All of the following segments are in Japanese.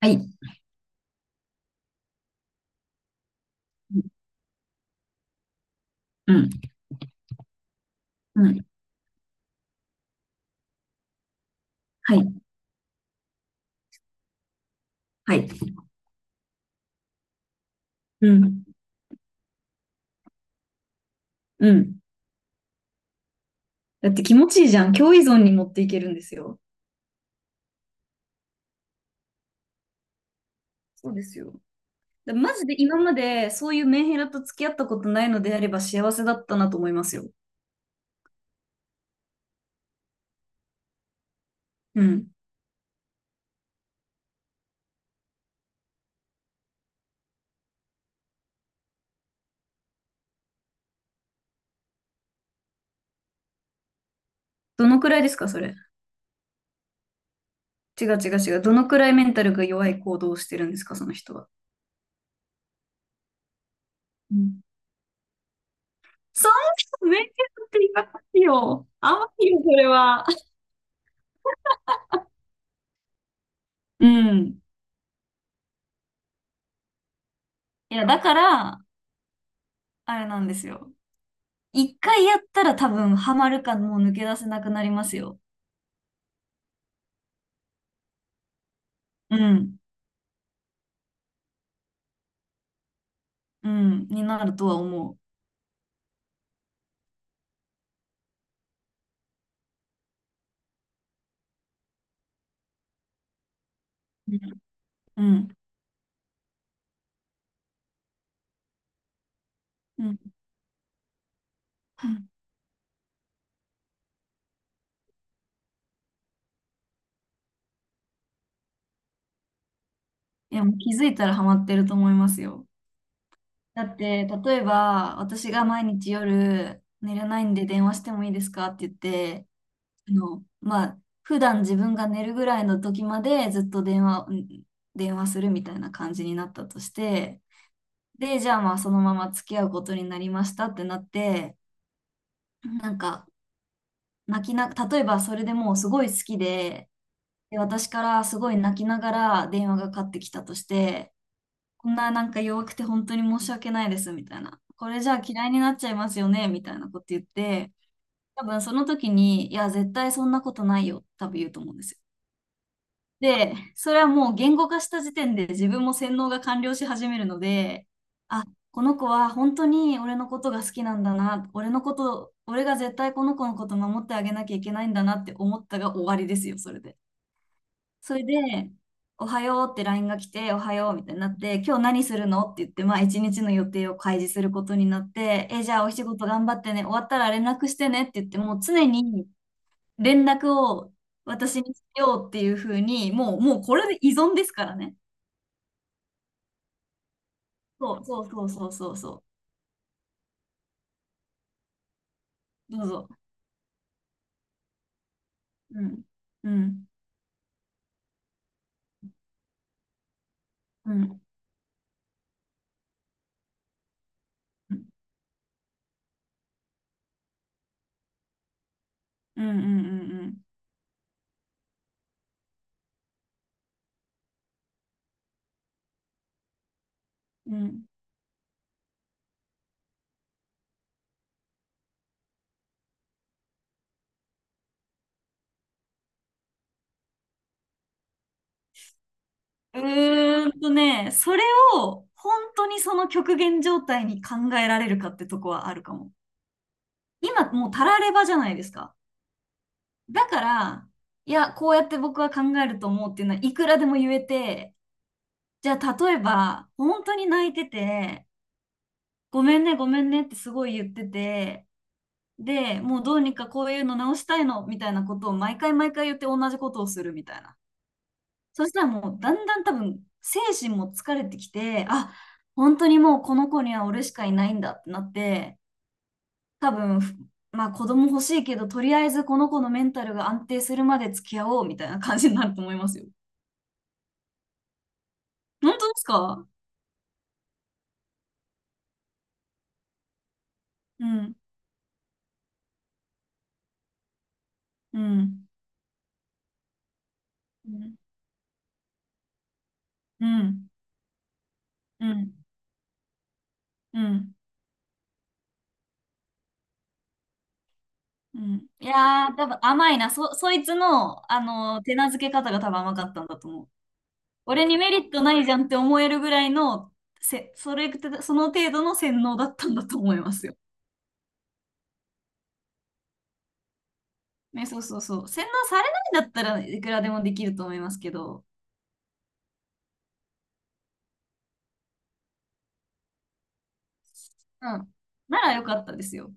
はい。うん。うん。はい。はい。うん。うん。だって気持ちいいじゃん。強依存に持っていけるんですよ。そうですよ。だマジで今までそういうメンヘラと付き合ったことないのであれば幸せだったなと思いますよ。うん。どのくらいですか、それ。違う違う違う。どのくらいメンタルが弱い行動をしてるんですか、その人は。うん。そんなメンヘラって言いますよ。甘いよ、それは。うん。いや、だから、あれなんですよ。一回やったら多分ハマるかもう抜け出せなくなりますよ。うん。うん。になるとは思う。うん。うん。うん、いや、もう気づいたらハマってると思いますよ。だって、例えば、私が毎日夜寝れないんで電話してもいいですかって言って、まあ、普段自分が寝るぐらいの時までずっと電話、うん、電話するみたいな感じになったとして、で、じゃあまあそのまま付き合うことになりましたってなって、なんか、泣きな、例えばそれでもうすごい好きで、で、私からすごい泣きながら電話がかかってきたとして、こんな弱くて本当に申し訳ないですみたいな。これじゃあ嫌いになっちゃいますよねみたいなこと言って、多分その時に、いや、絶対そんなことないよ、多分言うと思うんですよ。で、それはもう言語化した時点で自分も洗脳が完了し始めるので、あ、この子は本当に俺のことが好きなんだな、俺のこと、俺が絶対この子のこと守ってあげなきゃいけないんだなって思ったが終わりですよ、それで。それで、おはようってラインが来て、おはようみたいになって、今日何するのって言って、まあ一日の予定を開示することになって、え、じゃあお仕事頑張ってね、終わったら連絡してねって言って、もう常に連絡を私にしようっていうふうに、もうこれで依存ですからね。そう、そう。どうぞ。うん。うん。うん。うんうんうんうん。うん。うーんとね、それを本当にその極限状態に考えられるかってとこはあるかも。今もうたらればじゃないですか。だから、いや、こうやって僕は考えると思うっていうのはいくらでも言えて、じゃあ例えば本当に泣いてて、ごめんね、ごめんねってすごい言ってて、で、もうどうにかこういうの直したいのみたいなことを毎回毎回言って同じことをするみたいな。そしたらもうだんだん多分精神も疲れてきて、あ、本当にもうこの子には俺しかいないんだってなって、多分、まあ子供欲しいけど、とりあえずこの子のメンタルが安定するまで付き合おうみたいな感じになると思いますよ。本当ですか。うん、うん、うん、うん、うん、うん。うん。いやー、多分甘いな。そ、そいつの、手なずけ方が多分甘かったんだと思う。俺にメリットないじゃんって思えるぐらいの、せ、それ、その程度の洗脳だったんだと思いますよ。ね、そうそうそう。洗脳されないんだったらいくらでもできると思いますけど、うん。ならよかったですよ。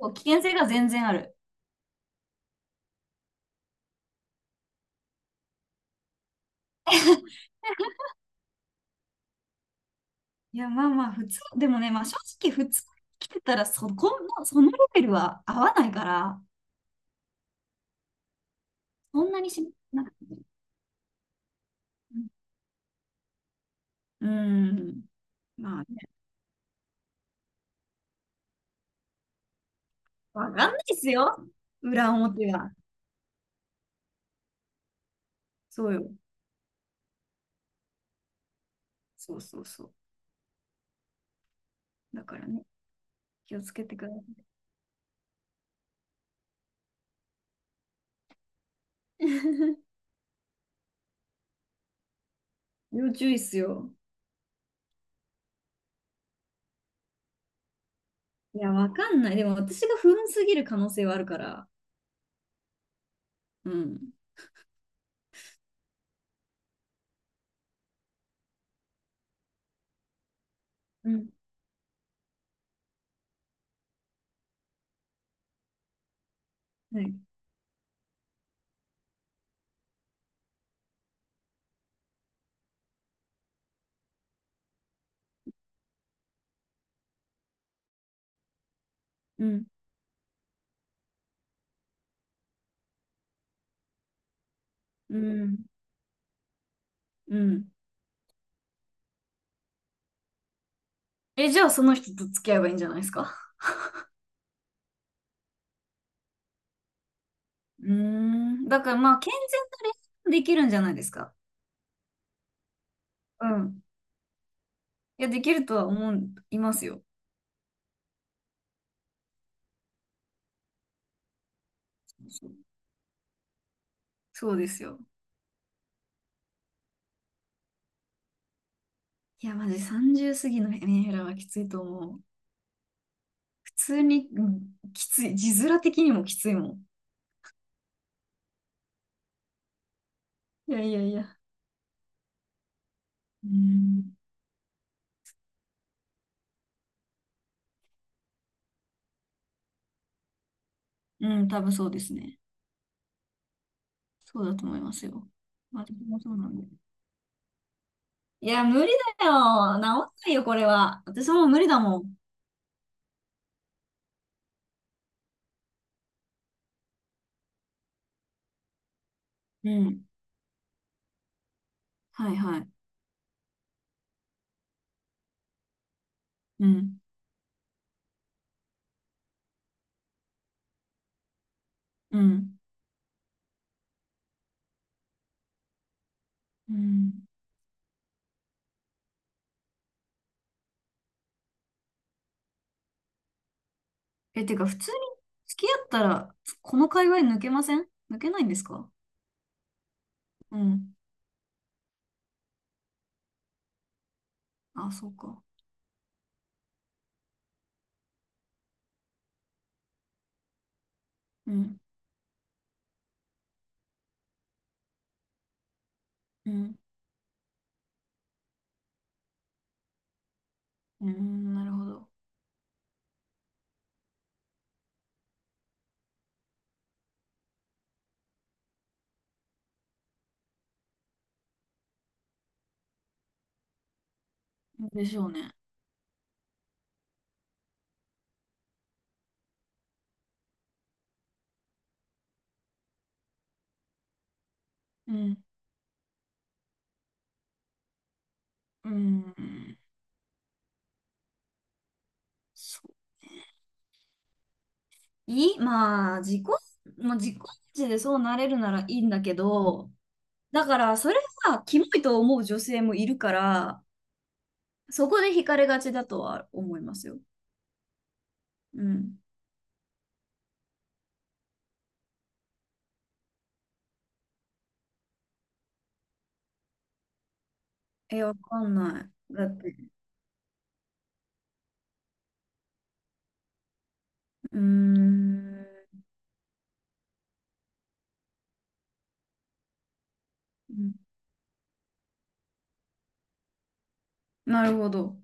そう、危険性が全然ある。いや、まあまあ、普通、でもね、まあ正直、普通に来てたらそ、このそのレベルは合わないから、そんなにしなくても。うんうん。まあね、わかんないですよ。裏表は。そうよ。そうそうそう。だからね、気をつけてください。要注意っすよ。いや、わかんない。でも私が不運すぎる可能性はあるから。うん。うん。はい。うん。うん。うん。え、じゃあその人と付き合えばいいんじゃないですか？うーん。だからまあ、健全な恋愛もできるんじゃないですか。うん。いや、できるとは思う、いますよ。そう、そうですよ。いや、マジ30過ぎのメンヘラはきついと思う。普通に、うん、きつい。字面的にもきついもん。いやいやいや。うん、うん、多分そうですね。そうだと思いますよ。私もそうなんで。いや、無理だよ。治んないよ、これは。私もう無理だもん。うん。はいはい。うん。うん。うん。え、てか、普通に付き合ったら、この界隈抜けません、抜けないんですか？うん。あ、そうか。うん。うん。うん、なるほど。でしょうね。うん、うん、そう、いい、まあ、自己、まあ、自己値でそうなれるならいいんだけど、だから、それがキモいと思う女性もいるから、そこで惹かれがちだとは思いますよ。うん。え、わかんない。だって、うーん、うん、なるほど。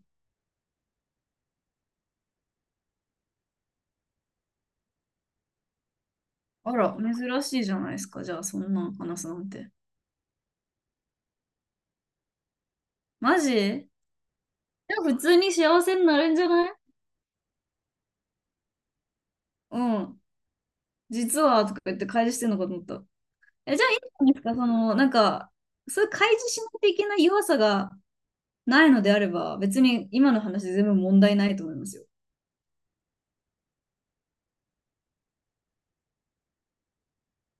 あら、珍しいじゃないですか。じゃあ、そんなん話すなんて。マジじゃあ、普通に幸せになるんじゃない？うん。実は、とか言って開示してんのかと思った。え、じゃあいいじゃないですか、その、そういう開示しないといけない弱さがないのであれば、別に今の話全部問題ないと思いますよ。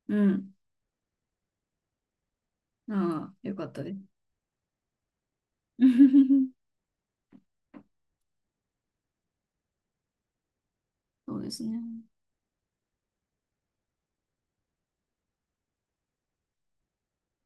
うん。ああ、よかったです。そうですね。